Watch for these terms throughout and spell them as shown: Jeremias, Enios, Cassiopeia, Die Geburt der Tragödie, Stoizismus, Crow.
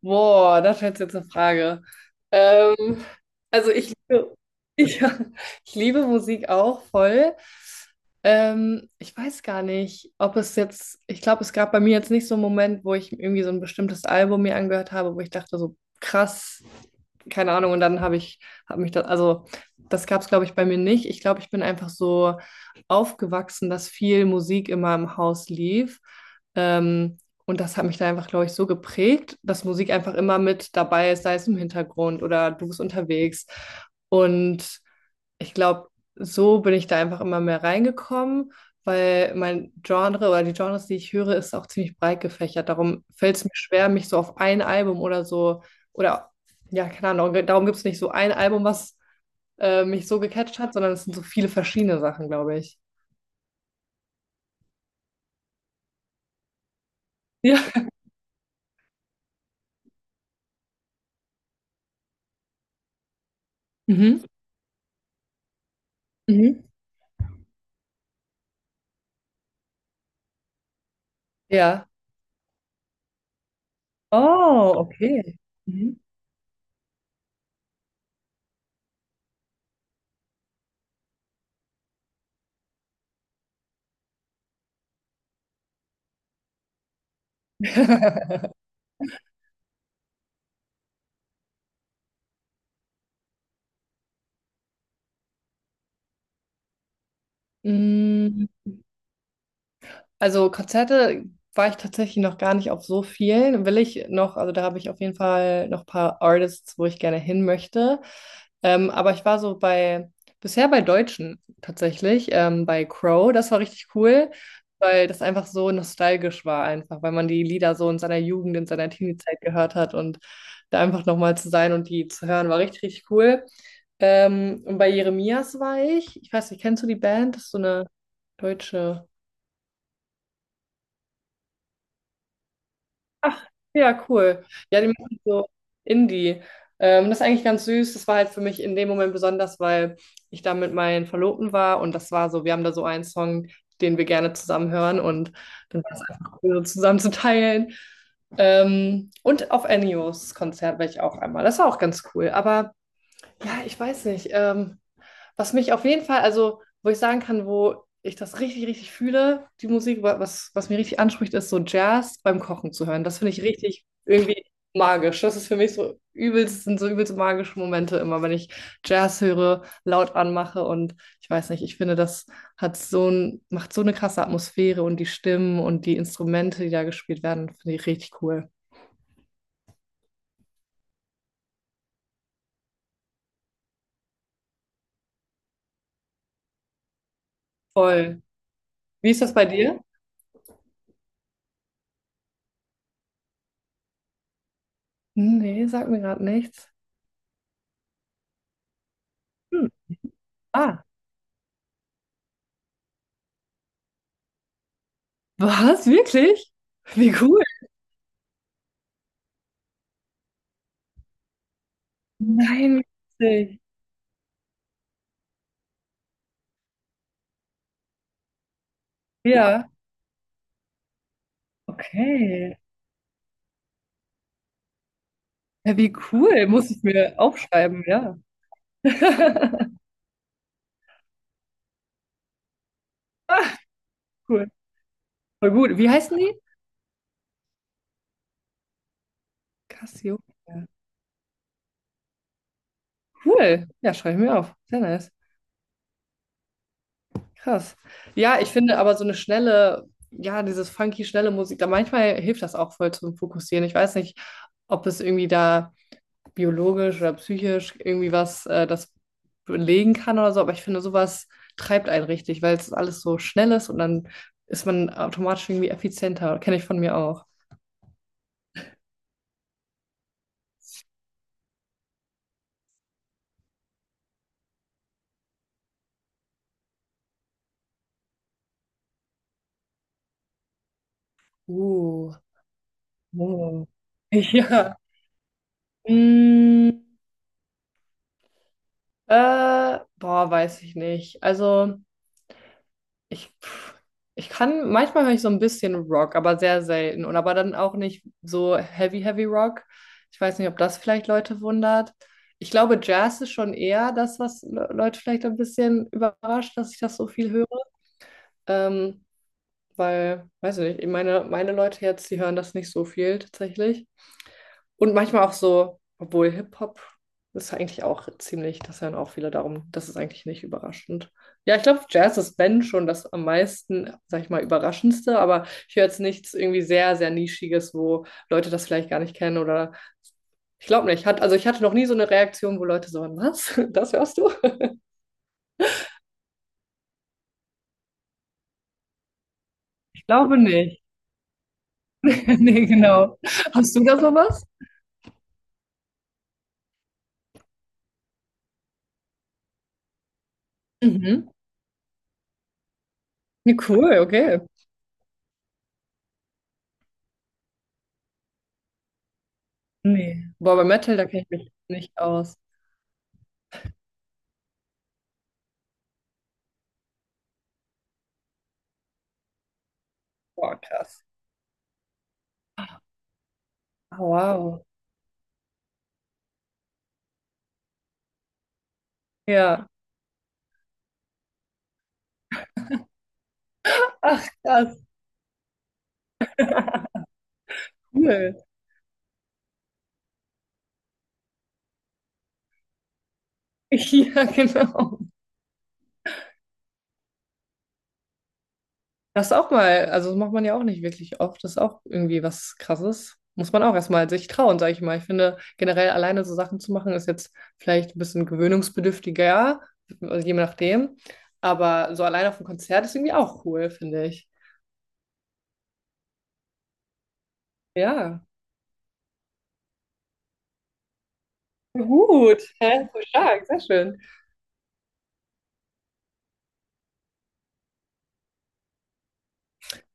Boah, da fällt jetzt eine Frage. Ähm, also ich liebe, ich, ich liebe Musik auch voll. Ich weiß gar nicht, ob es jetzt, ich glaube, es gab bei mir jetzt nicht so einen Moment, wo ich irgendwie so ein bestimmtes Album mir angehört habe, wo ich dachte so, krass, keine Ahnung. Und dann habe mich da, also das gab es, glaube ich, bei mir nicht. Ich glaube, ich bin einfach so aufgewachsen, dass viel Musik immer im Haus lief. Ähm, und das hat mich da einfach, glaube ich, so geprägt, dass Musik einfach immer mit dabei ist, sei es im Hintergrund oder du bist unterwegs. Und ich glaube, so bin ich da einfach immer mehr reingekommen, weil mein Genre oder die Genres, die ich höre, ist auch ziemlich breit gefächert. Darum fällt es mir schwer, mich so auf ein Album oder so, oder ja, keine Ahnung, darum gibt es nicht so ein Album, was mich so gecatcht hat, sondern es sind so viele verschiedene Sachen, glaube ich. Ja. Mhm. Mhm. Ja. Oh, okay. Mhm. Mm, also Konzerte war ich tatsächlich noch gar nicht auf so vielen. Will ich noch, also da habe ich auf jeden Fall noch ein paar Artists, wo ich gerne hin möchte. Aber ich war so bei, bisher bei Deutschen tatsächlich, bei Crow. Das war richtig cool, weil das einfach so nostalgisch war einfach, weil man die Lieder so in seiner Jugend, in seiner Teenie-Zeit gehört hat und da einfach nochmal zu sein und die zu hören, war richtig, richtig cool. Und bei Jeremias war ich, ich weiß nicht, kennst du die Band? Das ist so eine Deutsche. Ach, ja, cool. Ja, die machen so Indie. Das ist eigentlich ganz süß. Das war halt für mich in dem Moment besonders, weil ich da mit meinen Verlobten war und das war so, wir haben da so einen Song, den wir gerne zusammen hören und dann war es einfach cool, so zusammen zu teilen. Und auf Enios Konzert war ich auch einmal. Das war auch ganz cool. Aber ja, ich weiß nicht. Was mich auf jeden Fall, also wo ich sagen kann, wo ich das richtig, richtig fühle, die Musik, was, was mir richtig anspricht, ist so Jazz beim Kochen zu hören. Das finde ich richtig irgendwie magisch. Das ist für mich so übelst, sind so übelst magische Momente immer, wenn ich Jazz höre, laut anmache und ich weiß nicht, ich finde, das hat macht so eine krasse Atmosphäre und die Stimmen und die Instrumente, die da gespielt werden, finde ich richtig cool. Voll. Wie ist das bei dir? Hm, nee, sagt mir gerade nichts. Hm. Ah. Was? Wirklich? Wie cool. Nein, witzig. Ja, okay. Ja, wie cool. Muss ich mir aufschreiben, ja. Ach, cool. Voll gut. Wie heißen die? Cassiopeia. Cool. Ja, schreibe ich mir auf. Sehr nice. Krass. Ja, ich finde aber so eine schnelle, ja, dieses funky, schnelle Musik, da manchmal hilft das auch voll zum Fokussieren. Ich weiß nicht, ob es irgendwie da biologisch oder psychisch irgendwie was das belegen kann oder so, aber ich finde, sowas treibt einen richtig, weil es alles so schnell ist und dann ist man automatisch irgendwie effizienter. Kenne ich von mir auch. Uh, oh. Ja. Mm, boah, weiß ich nicht. Also ich, pff, ich kann, manchmal höre ich so ein bisschen Rock, aber sehr selten. Und aber dann auch nicht so heavy, heavy Rock. Ich weiß nicht, ob das vielleicht Leute wundert. Ich glaube, Jazz ist schon eher das, was Leute vielleicht ein bisschen überrascht, dass ich das so viel höre. Ähm, Weil, weiß ich nicht, meine Leute jetzt, die hören das nicht so viel tatsächlich. Und manchmal auch so, obwohl Hip-Hop ist eigentlich auch ziemlich, das hören auch viele darum, das ist eigentlich nicht überraschend. Ja, ich glaube, Jazz ist Ben schon das am meisten, sag ich mal, überraschendste, aber ich höre jetzt nichts irgendwie sehr, sehr Nischiges, wo Leute das vielleicht gar nicht kennen oder ich glaube nicht. Hat, also ich hatte noch nie so eine Reaktion, wo Leute so, was? Das hörst du? Ich glaube nicht. Nee, genau. Hast du da sowas? Mhm. Nee, cool, okay. Nee. Boah, bei Metal, da kenne ich mich nicht aus. Boah, krass. Ah, wow. Ja. Ach, krass, cool. Ja, genau. Das auch mal, also macht man ja auch nicht wirklich oft. Das ist auch irgendwie was Krasses. Muss man auch erstmal sich trauen, sage ich mal. Ich finde, generell alleine so Sachen zu machen, ist jetzt vielleicht ein bisschen gewöhnungsbedürftiger, also je nachdem. Aber so alleine auf einem Konzert ist irgendwie auch cool, finde ich. Ja. Gut, hä? So stark, sehr schön.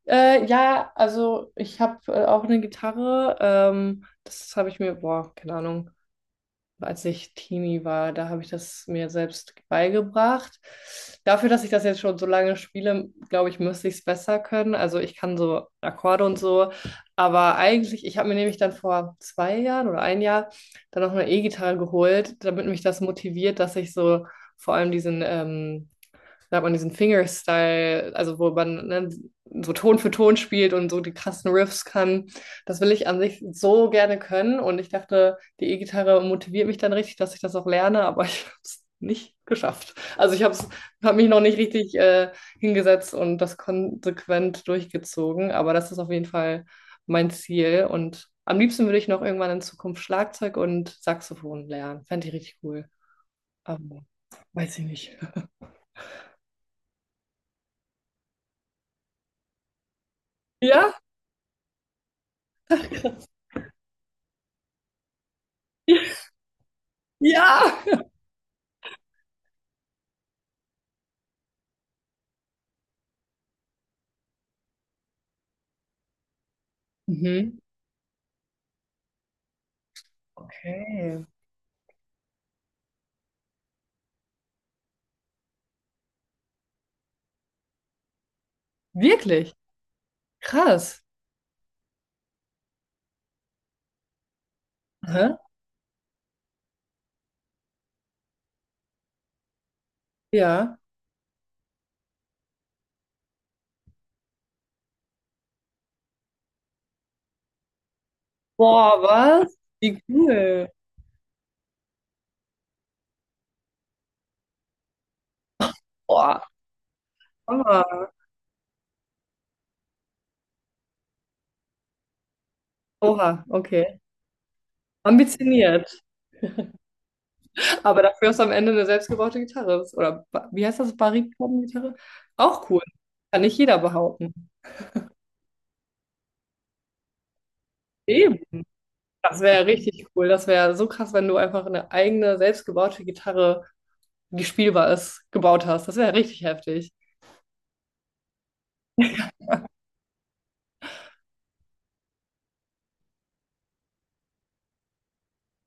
Ja, also ich habe auch eine Gitarre. Das habe ich mir, boah, keine Ahnung, als ich Teenie war. Da habe ich das mir selbst beigebracht. Dafür, dass ich das jetzt schon so lange spiele, glaube ich, müsste ich es besser können. Also ich kann so Akkorde und so. Aber eigentlich, ich habe mir nämlich dann vor zwei Jahren oder ein Jahr dann noch eine E-Gitarre geholt, damit mich das motiviert, dass ich so vor allem diesen da hat man diesen Fingerstyle, also wo man ne, so Ton für Ton spielt und so die krassen Riffs kann. Das will ich an sich so gerne können und ich dachte, die E-Gitarre motiviert mich dann richtig, dass ich das auch lerne, aber ich habe es nicht geschafft. Also ich habe hab mich noch nicht richtig hingesetzt und das konsequent durchgezogen, aber das ist auf jeden Fall mein Ziel und am liebsten würde ich noch irgendwann in Zukunft Schlagzeug und Saxophon lernen. Fände ich richtig cool. Aber weiß ich nicht. Ja? Ja! Mhm. Okay. Wirklich? Krass. Aha. Ja. Boah, was? Wie cool. Boah. Hammer. Oha, okay. Ambitioniert. Aber dafür ist am Ende eine selbstgebaute Gitarre. Oder wie heißt das? Bariton-Gitarre? Auch cool. Kann nicht jeder behaupten. Eben. Das wäre richtig cool. Das wäre so krass, wenn du einfach eine eigene selbstgebaute Gitarre, die spielbar ist, gebaut hast. Das wäre richtig heftig.